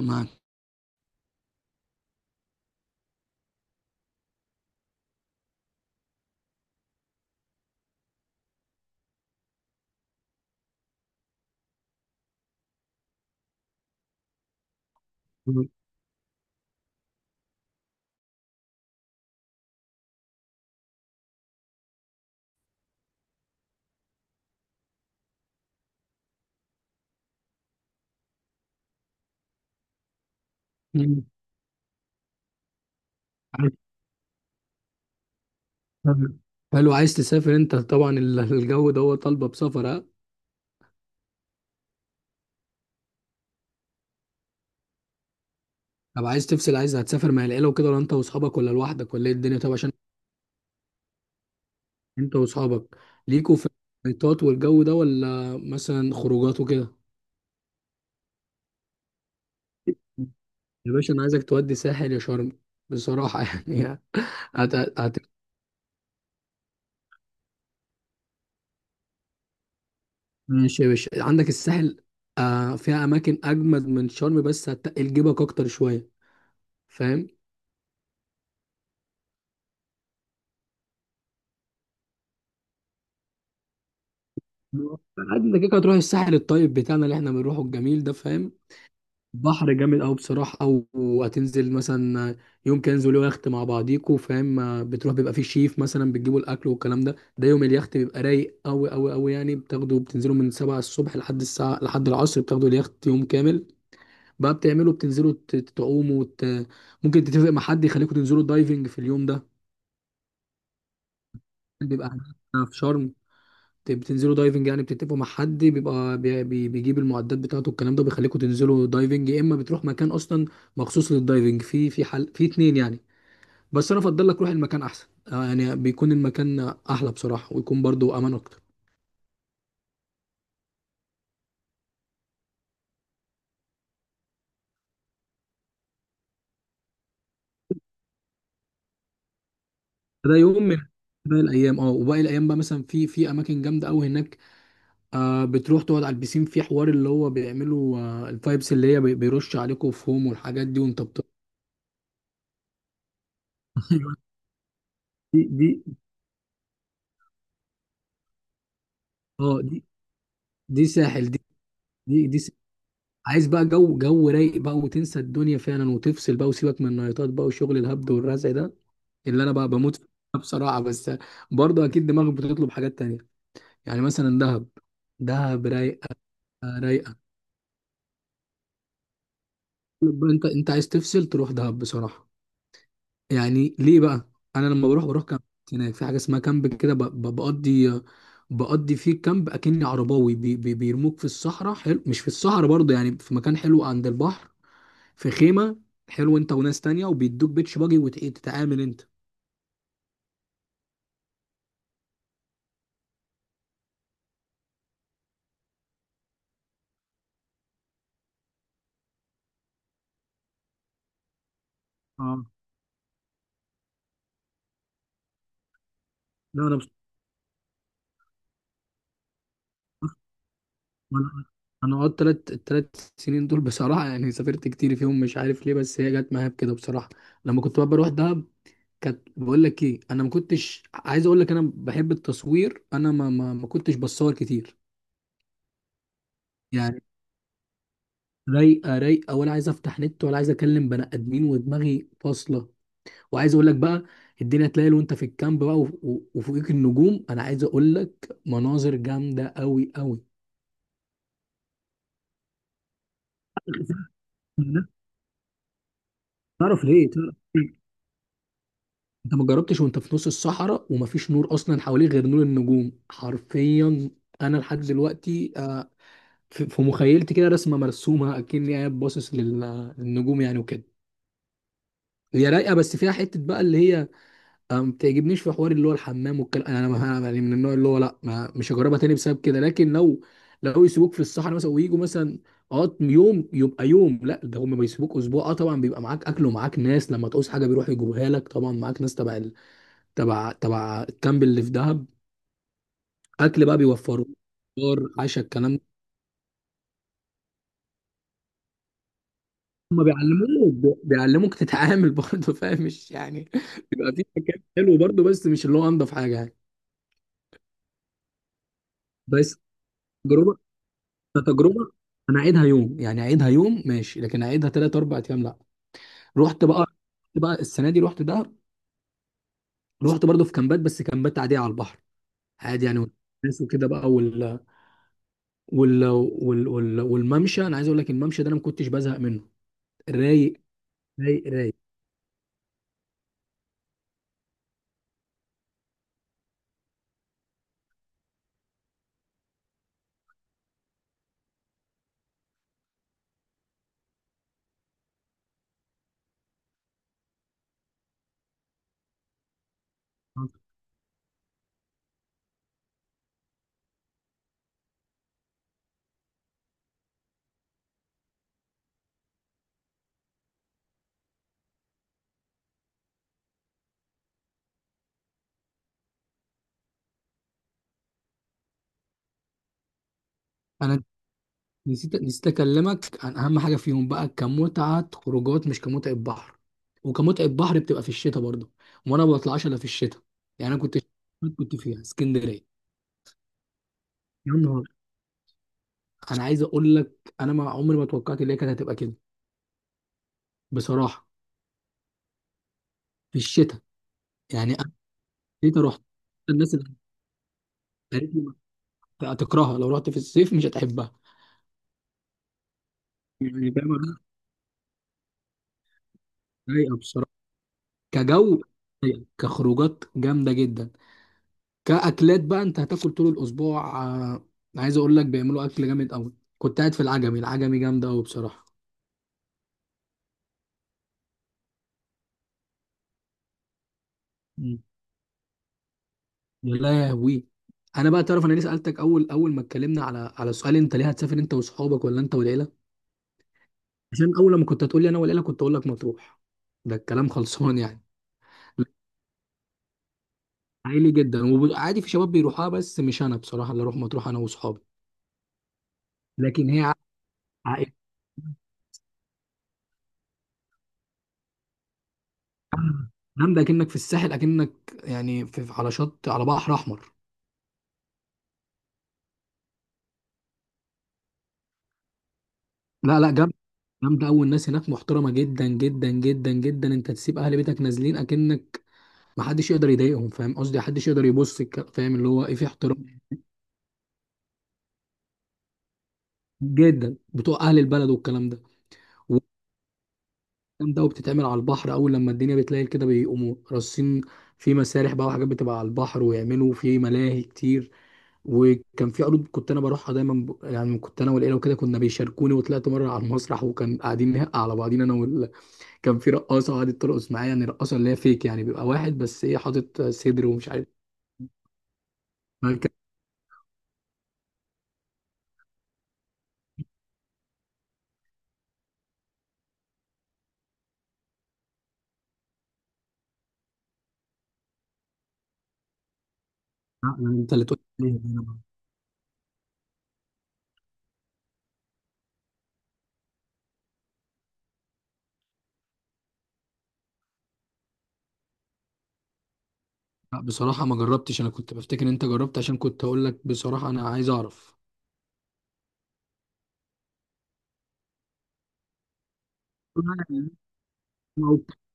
مع- مم. عارف- حلو، عايز تسافر انت طبعا الجو ده هو طالبه بسفر ها. طب عايز تفصل، عايز هتسافر مع العيله وكده ولا انت واصحابك ولا لوحدك ولا ايه الدنيا؟ طب عشان انت واصحابك، ليكوا في الخيطات والجو ده ولا مثلا خروجات وكده؟ يا باشا انا عايزك تودي ساحل يا شرم بصراحه يعني. هت... هت... ماشي يا باشا، عندك الساحل، آه فيها اماكن اجمد من شرم بس هتقل جيبك اكتر شويه، فاهم؟ عادي انت كده كده هتروح الساحل الطيب بتاعنا اللي احنا بنروحه الجميل ده، فاهم؟ بحر جامد قوي بصراحه. او هتنزل مثلا يوم كده، انزلوا يخت مع بعضيكوا، فاهم؟ بتروح بيبقى فيه شيف مثلا بتجيبوا الاكل والكلام ده. ده يوم اليخت بيبقى رايق قوي قوي قوي، يعني بتاخدوا بتنزلوا من 7 الصبح لحد الساعه لحد العصر، بتاخدوا اليخت يوم كامل. بقى بتعملوا بتنزلوا تعوموا ممكن تتفق مع حد يخليكوا تنزلوا دايفنج في اليوم ده. بيبقى هناك في شرم بتنزلوا دايفنج، يعني بتتفقوا مع حد بيبقى بيجيب المعدات بتاعته الكلام ده، بيخليكم تنزلوا دايفنج، يا اما بتروح مكان اصلا مخصوص للدايفنج، في في حل في اتنين يعني. بس انا افضل لك روح المكان احسن، آه، يعني بيكون المكان احلى بصراحه ويكون برضو امان اكتر. ده يوم من باقي الايام، اه وباقي الايام بقى مثلا في في اماكن جامده قوي هناك. آه بتروح تقعد على البيسين في حوار اللي هو بيعملوا آه الفايبس اللي هي بيرش عليكم فوم والحاجات دي وانت دي دي، اه دي، دي ساحل دي. دي دي عايز بقى جو جو رايق بقى وتنسى الدنيا فعلا وتفصل بقى وسيبك من النايتات بقى وشغل الهبد والرزع ده اللي انا بقى بموت فيه بصراحه. بس برضه اكيد دماغك بتطلب حاجات تانية، يعني مثلا دهب. دهب رايقه، رايقه. طيب بقى انت انت عايز تفصل تروح دهب بصراحه؟ يعني ليه بقى؟ انا لما بروح بروح كامب. هناك في حاجه اسمها كامب كده بقضي، بقضي فيه كامب اكني عرباوي بي بي بيرموك في الصحراء، حلو. مش في الصحراء برضه، يعني في مكان حلو عند البحر، في خيمه، حلو، انت وناس تانية وبيدوك بيتش باجي وتتعامل انت. اه، لا انا بص... انا انا قعدت تلات التلات سنين دول بصراحه، يعني سافرت كتير فيهم مش عارف ليه بس هي جت معايا بكده بصراحه. لما كنت بقى بروح دهب كانت، بقول لك ايه، انا ما كنتش عايز اقول لك انا بحب التصوير، انا ما كنتش بصور كتير يعني. رايقه رايقه، ولا عايز افتح نت ولا عايز اكلم بني ادمين ودماغي فاصله. وعايز اقول لك بقى الدنيا تلاقي وانت في الكامب بقى وفوقيك النجوم، انا عايز اقول لك مناظر جامده قوي قوي. ده تعرف ليه، تعرف ليه؟ انت ما جربتش وانت في نص الصحراء ومفيش نور اصلا حواليك غير نور النجوم حرفيا. انا لحد دلوقتي آه، في في مخيلتي كده رسمه مرسومه اكني قاعد باصص للنجوم يعني وكده. هي رايقه بس فيها حته بقى اللي هي أنا ما بتعجبنيش في حوار اللي هو الحمام والكلام، انا ما أنا يعني من النوع اللي هو لا ما مش هجربها تاني بسبب كده. لكن لو لو يسيبوك في الصحراء مثلا ويجوا مثلا اه يوم يبقى يوم، لا ده هم بيسيبوك اسبوع، اه طبعا بيبقى معاك اكل ومعاك ناس، لما تعوز حاجه بيروحوا يجيبوها لك، طبعا معاك ناس تبع تبع تبع الكامب اللي في دهب. اكل بقى بيوفروا فطار عشا الكلام ده. هم بيعلموك بيعلموك تتعامل برضه، فاهم مش يعني. بيبقى في مكان حلو برضه بس مش اللي هو انضف حاجه يعني. بس تجربه، كتجربه انا اعيدها يوم يعني، اعيدها يوم ماشي، لكن اعيدها ثلاث اربع ايام لا. رحت بقى، رحت بقى السنه دي رحت دهب، رحت برضه في كامبات بس كامبات عاديه على البحر. عادي يعني والناس وكده بقى والممشى، انا عايز اقول لك الممشى ده انا ما كنتش بزهق منه. رايق، رايق رايق. انا نسيت، نسيت اكلمك عن اهم حاجه فيهم بقى كمتعه خروجات مش كمتعه بحر، وكمتعه بحر بتبقى في الشتاء برضه، وانا ما بطلعش الا في الشتاء. يعني انا كنت، كنت فيها اسكندريه. يا نهار، انا عايز اقول لك انا ما عمري ما توقعت ان هي كانت هتبقى كده بصراحه. في الشتاء، يعني انا جيت رحت، الناس اللي قالت لي هتكرهها لو رحت في الصيف مش هتحبها، يعني فاهم أنا؟ رايقه بصراحه، كجو رايقة. كخروجات جامده جدا. كاكلات بقى انت هتاكل طول الاسبوع، آه، عايز اقول لك بيعملوا اكل جامد قوي. كنت قاعد في العجمي، العجمي جامده قوي بصراحه. مم. يا لهوي. انا بقى تعرف انا ليه سالتك اول اول ما اتكلمنا على على سؤال انت ليه هتسافر انت واصحابك ولا انت والعيله؟ عشان اول لما كنت هتقول لي انا والعيله كنت اقول لك مطروح، ده الكلام خلصان يعني. لا، عائلي جدا، وعادي في شباب بيروحوها بس مش انا بصراحه اللي اروح مطروح انا واصحابي. لكن هي عائلي. جامده اكنك في الساحل، اكنك يعني في على شط على بحر احمر. لا لا جامده، جامده قوي، الناس هناك محترمه جدا جدا جدا جدا، انت تسيب اهل بيتك نازلين اكنك، ما حدش يقدر يضايقهم فاهم قصدي، حدش يقدر يبص فاهم اللي هو ايه في احترام جدا بتوع اهل البلد والكلام ده. جامدة أوي بتتعمل على البحر، أول لما الدنيا بتليل كده بيقوموا راصين في مسارح بقى وحاجات بتبقى على البحر ويعملوا في ملاهي كتير. وكان في عروض كنت أنا بروحها دايما يعني كنت أنا والعيلة وكده كنا بيشاركوني، وطلعت مرة على المسرح وكان قاعدين نهق على بعضين أنا كان في رقاصة قعدت ترقص معايا، يعني رقاصة اللي هي فيك يعني بيبقى واحد بس إيه حاطط صدر ومش عارف. كان- أنت اللي تقول لي عليها دي، أنا بقى، لا بصراحة ما جربتش، أنا كنت بفتكر إن أنت جربت عشان كنت أقول لك بصراحة أنا عايز أعرف.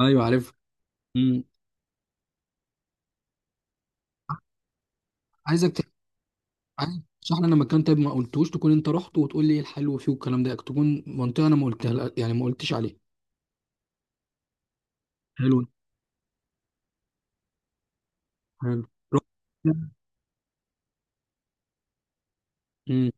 أيوه عارف. عايزك ت- عايز تشرح لنا مكان طيب، ما قلتوش تكون انت رحت وتقول لي ايه الحلو فيه والكلام ده، تكون منطقه انا ما قلتها يعني ما قلتش عليها. حلو، حلو، رحت. امم،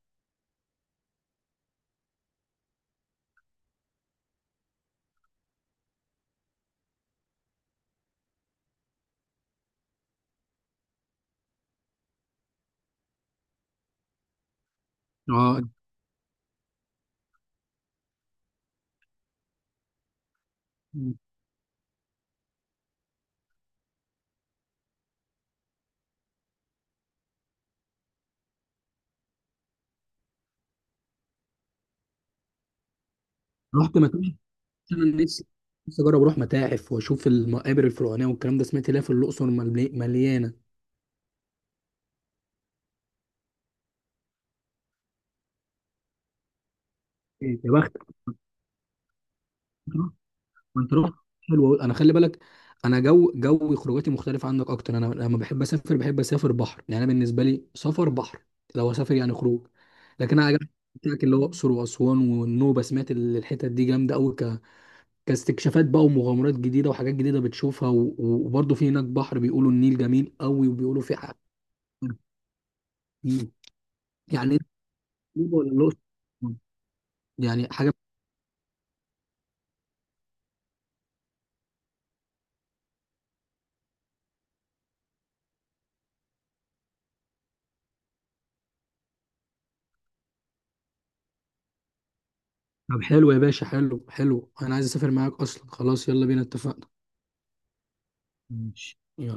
اه. مم. آه. رحت مكان. انا نفسي، نفسي اجرب اروح متاحف واشوف المقابر الفرعونيه والكلام ده، سمعت ليها في الاقصر مليانه. إيه، يا بخت انت رحت. حلو أوي. انا خلي بالك، انا جو جو خروجاتي مختلفه عنك، اكتر انا لما بحب اسافر بحب اسافر بحر، يعني انا بالنسبه لي سفر بحر لو اسافر يعني خروج. لكن انا عجبني بتاعك اللي هو الاقصر واسوان والنوبه، سمعت الحتت دي جامده قوي كاستكشافات بقى ومغامرات جديده وحاجات جديده بتشوفها وبرضه في هناك بحر بيقولوا النيل جميل قوي وبيقولوا في حاجات كتير. يعني إنت النوبة ولا الاقصر؟ يعني حاجه. طب حلو يا باشا، حلو حلو، انا عايز اسافر معاك اصلا، خلاص يلا بينا اتفقنا. ماشي.